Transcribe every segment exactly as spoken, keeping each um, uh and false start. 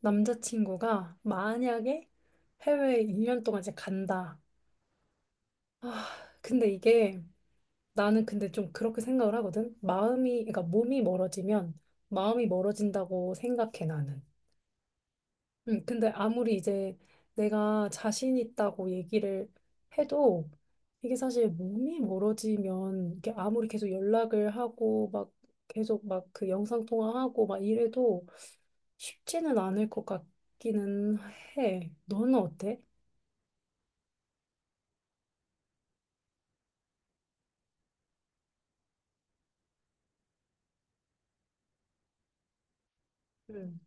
남자친구가 만약에 해외에 일 년 동안 이제 간다. 아, 근데 이게 나는 근데 좀 그렇게 생각을 하거든. 마음이, 그러니까 몸이 멀어지면 마음이 멀어진다고 생각해, 나는. 음, 근데 아무리 이제 내가 자신 있다고 얘기를 해도 이게 사실 몸이 멀어지면 이게 아무리 계속 연락을 하고 막 계속 막 그 영상통화하고 막 이래도 쉽지는 않을 것 같기는 해. 너는 어때? 음,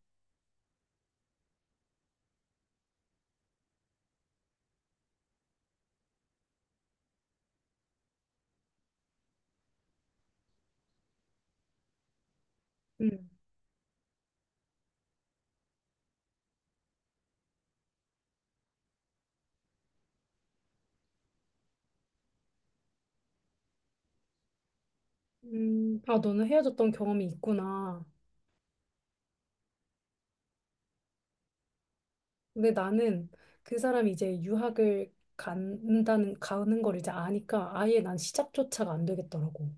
음, 음, 아, 너는 헤어졌던 경험이 있구나. 근데 나는 그 사람이 이제 유학을 간다는, 가는 걸 이제 아니까 아예 난 시작조차가 안 되겠더라고.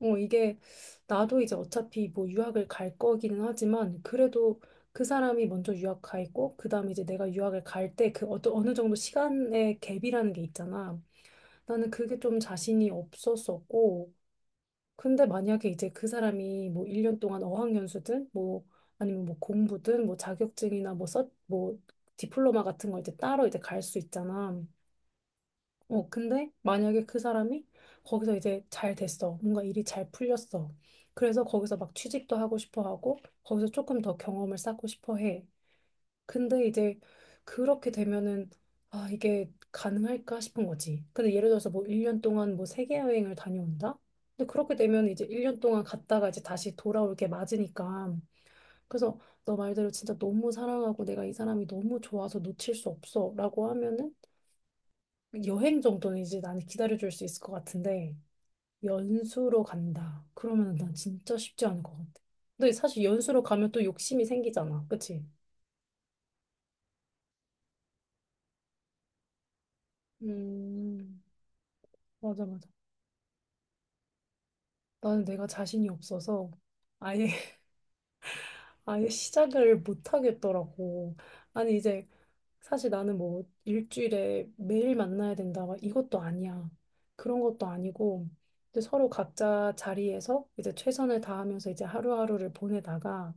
어, 이게 나도 이제 어차피 뭐 유학을 갈 거기는 하지만 그래도 그 사람이 먼저 유학 가 있고 그다음에 이제 내가 유학을 갈 때 그 어떤 어느 정도 시간의 갭이라는 게 있잖아. 나는 그게 좀 자신이 없었었고, 근데 만약에 이제 그 사람이 뭐 일 년 동안 어학연수든 뭐 아니면 뭐 공부든 뭐 자격증이나 뭐 써, 뭐 디플로마 같은 걸 이제 따로 이제 갈 수 있잖아. 어, 근데 만약에 그 사람이 거기서 이제 잘 됐어. 뭔가 일이 잘 풀렸어. 그래서 거기서 막 취직도 하고 싶어 하고 거기서 조금 더 경험을 쌓고 싶어 해. 근데 이제 그렇게 되면은 아 이게 가능할까 싶은 거지. 근데 예를 들어서 뭐 일 년 동안 뭐 세계 여행을 다녀온다? 근데 그렇게 되면 이제 일 년 동안 갔다가 이제 다시 돌아올 게 맞으니까. 그래서 너 말대로 진짜 너무 사랑하고 내가 이 사람이 너무 좋아서 놓칠 수 없어라고 하면은 여행 정도는 이제 나는 기다려줄 수 있을 것 같은데, 연수로 간다. 그러면은 난 진짜 쉽지 않을 것 같아. 근데 사실 연수로 가면 또 욕심이 생기잖아. 그치? 음, 맞아, 맞아. 나는 내가 자신이 없어서 아예 아예 시작을 못 하겠더라고. 아니 이제 사실 나는 뭐 일주일에 매일 만나야 된다 막 이것도 아니야. 그런 것도 아니고 이제 서로 각자 자리에서 이제 최선을 다하면서 이제 하루하루를 보내다가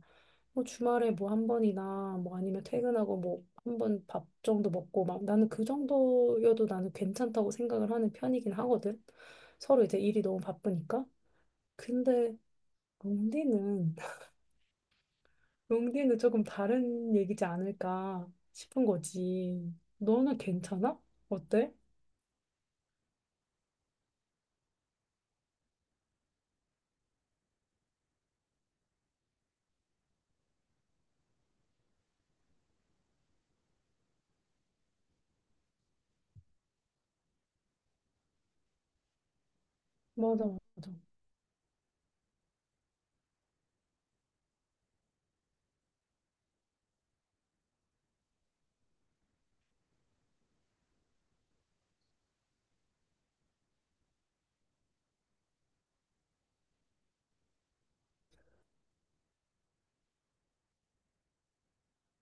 뭐 주말에 뭐 한 번이나 뭐 아니면 퇴근하고 뭐 한 번 밥 정도 먹고 막 나는 그 정도여도 나는 괜찮다고 생각을 하는 편이긴 하거든. 서로 이제 일이 너무 바쁘니까. 근데 롱디는, 롱디는 조금 다른 얘기지 않을까 싶은 거지. 너는 괜찮아? 어때? 맞아, 맞아,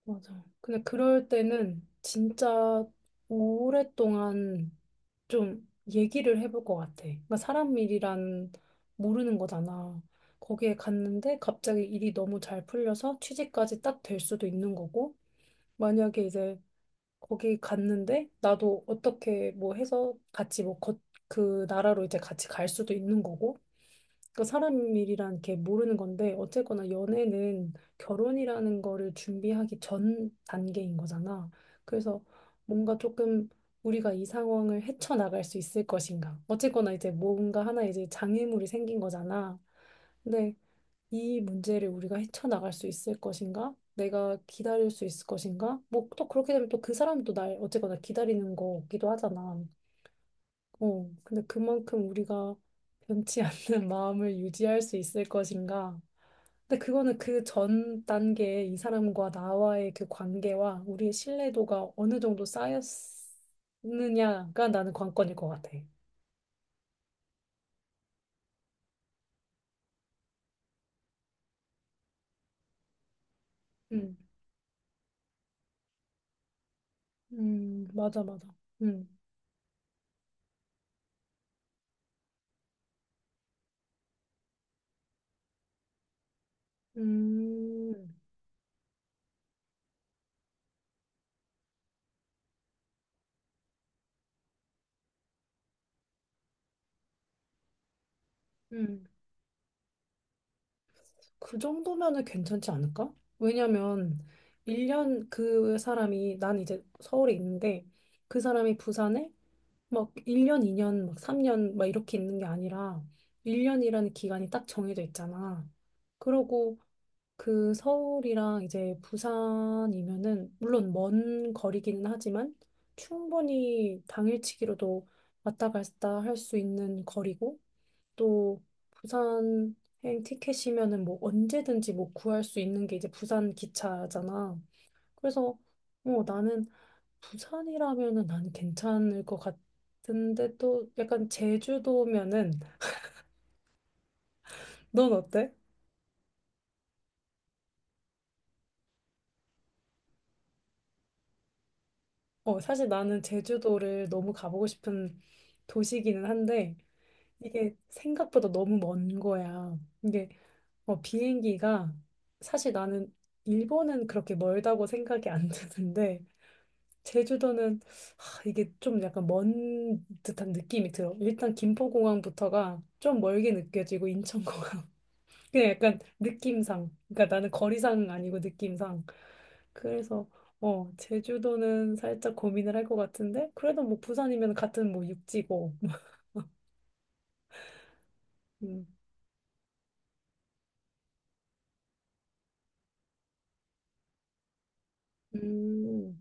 맞아. 근데 그럴 때는 진짜 오랫동안 좀 얘기를 해볼 것 같아. 그러니까 사람 일이란 모르는 거잖아. 거기에 갔는데 갑자기 일이 너무 잘 풀려서 취직까지 딱 될 수도 있는 거고, 만약에 이제 거기 갔는데 나도 어떻게 뭐 해서 같이 뭐 거, 그 나라로 이제 같이 갈 수도 있는 거고 그 사람 일이란 게 모르는 건데 어쨌거나 연애는 결혼이라는 거를 준비하기 전 단계인 거잖아. 그래서 뭔가 조금 우리가 이 상황을 헤쳐나갈 수 있을 것인가. 어쨌거나 이제 뭔가 하나 이제 장애물이 생긴 거잖아. 근데 이 문제를 우리가 헤쳐나갈 수 있을 것인가? 내가 기다릴 수 있을 것인가? 뭐 또 그렇게 되면 또 그 사람도 날 어쨌거나 기다리는 거기도 하잖아. 어, 근데 그만큼 우리가 변치 않는 마음을 유지할 수 있을 것인가? 근데 그거는 그 전 단계에 이 사람과 나와의 그 관계와 우리의 신뢰도가 어느 정도 쌓였느냐가 나는 관건일 것 같아. 음, 음, 맞아, 맞아. 음, 음, 음. 그 정도면은 괜찮지 않을까? 왜냐면 일 년 그 사람이 난 이제 서울에 있는데 그 사람이 부산에 막 일 년, 이 년, 막 삼 년 막 이렇게 있는 게 아니라 일 년이라는 기간이 딱 정해져 있잖아. 그러고 그 서울이랑 이제 부산이면은 물론 먼 거리기는 하지만 충분히 당일치기로도 왔다 갔다 할 수 있는 거리고 또 부산 여행 티켓이면은 뭐 언제든지 뭐 구할 수 있는 게 이제 부산 기차잖아. 그래서 어 나는 부산이라면은 난 괜찮을 것 같은데 또 약간 제주도면은 넌 어때? 어 사실 나는 제주도를 너무 가보고 싶은 도시기는 한데 이게 생각보다 너무 먼 거야. 이게 어 비행기가 사실 나는 일본은 그렇게 멀다고 생각이 안 드는데 제주도는 하, 이게 좀 약간 먼 듯한 느낌이 들어. 일단 김포공항부터가 좀 멀게 느껴지고 인천공항 그냥 약간 느낌상. 그러니까 나는 거리상 아니고 느낌상. 그래서 어 제주도는 살짝 고민을 할 것 같은데 그래도 뭐 부산이면 같은 뭐 육지고. 음. 음.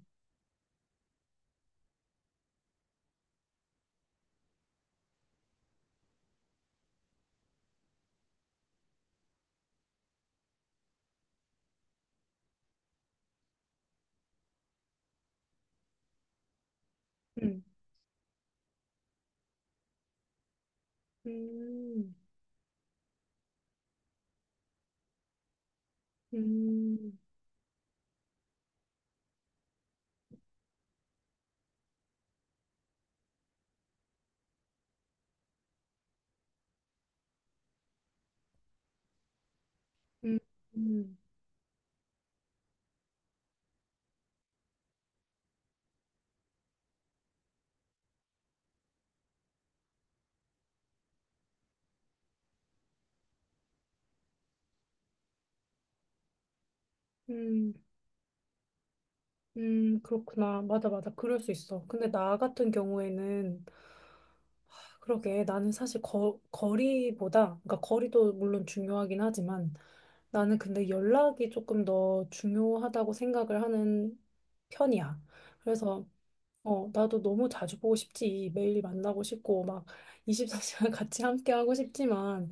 음. 음. 음. 음. 음. 음. 음. 그렇구나. 맞아, 맞아. 그럴 수 있어. 근데 나 같은 경우에는 그러게 나는 사실 거, 거리보다 그러니까 거리도 물론 중요하긴 하지만 나는 근데 연락이 조금 더 중요하다고 생각을 하는 편이야. 그래서 어, 나도 너무 자주 보고 싶지. 매일 만나고 싶고, 막 이십사 시간 같이 함께 하고 싶지만,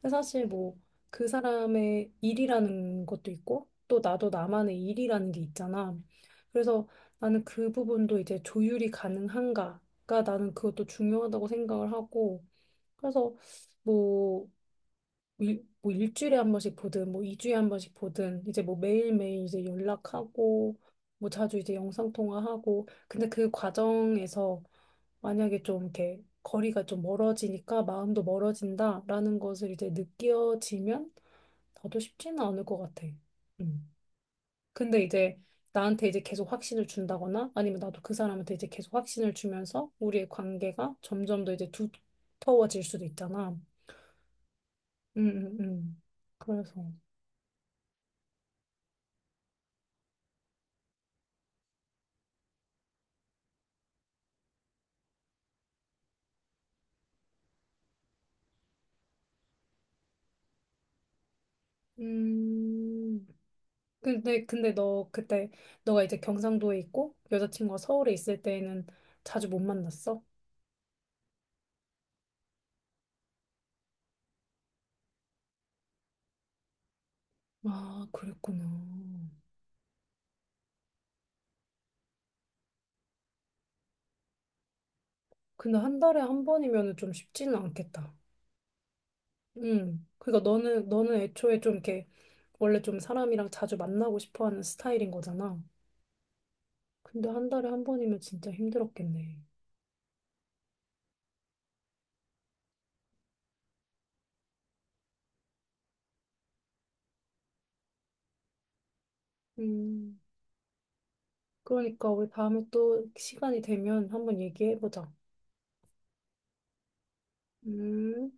근데 사실 뭐 그 사람의 일이라는 것도 있고, 또 나도 나만의 일이라는 게 있잖아. 그래서 나는 그 부분도 이제 조율이 가능한가가 나는 그것도 중요하다고 생각을 하고, 그래서 뭐 일, 뭐 일주일에 한 번씩 보든 뭐 이 주에 한 번씩 보든 이제 뭐 매일매일 이제 연락하고 뭐 자주 이제 영상통화하고 근데 그 과정에서 만약에 좀 이렇게 거리가 좀 멀어지니까 마음도 멀어진다라는 것을 이제 느껴지면 나도 쉽지는 않을 것 같아. 음. 근데 이제 나한테 이제 계속 확신을 준다거나 아니면 나도 그 사람한테 이제 계속 확신을 주면서 우리의 관계가 점점 더 이제 두터워질 수도 있잖아. 음, 음, 음. 그래서. 음, 근데, 근데 너 그때, 너가 이제 경상도에 있고, 여자친구가 서울에 있을 때에는 자주 못 만났어? 아, 그랬구나. 근데 한 달에 한 번이면은 좀 쉽지는 않겠다. 응. 그러니까 너는, 너는 애초에 좀 이렇게, 원래 좀 사람이랑 자주 만나고 싶어 하는 스타일인 거잖아. 근데 한 달에 한 번이면 진짜 힘들었겠네. 음, 그러니까 우리 다음에 또 시간이 되면 한번 얘기해보자. 음.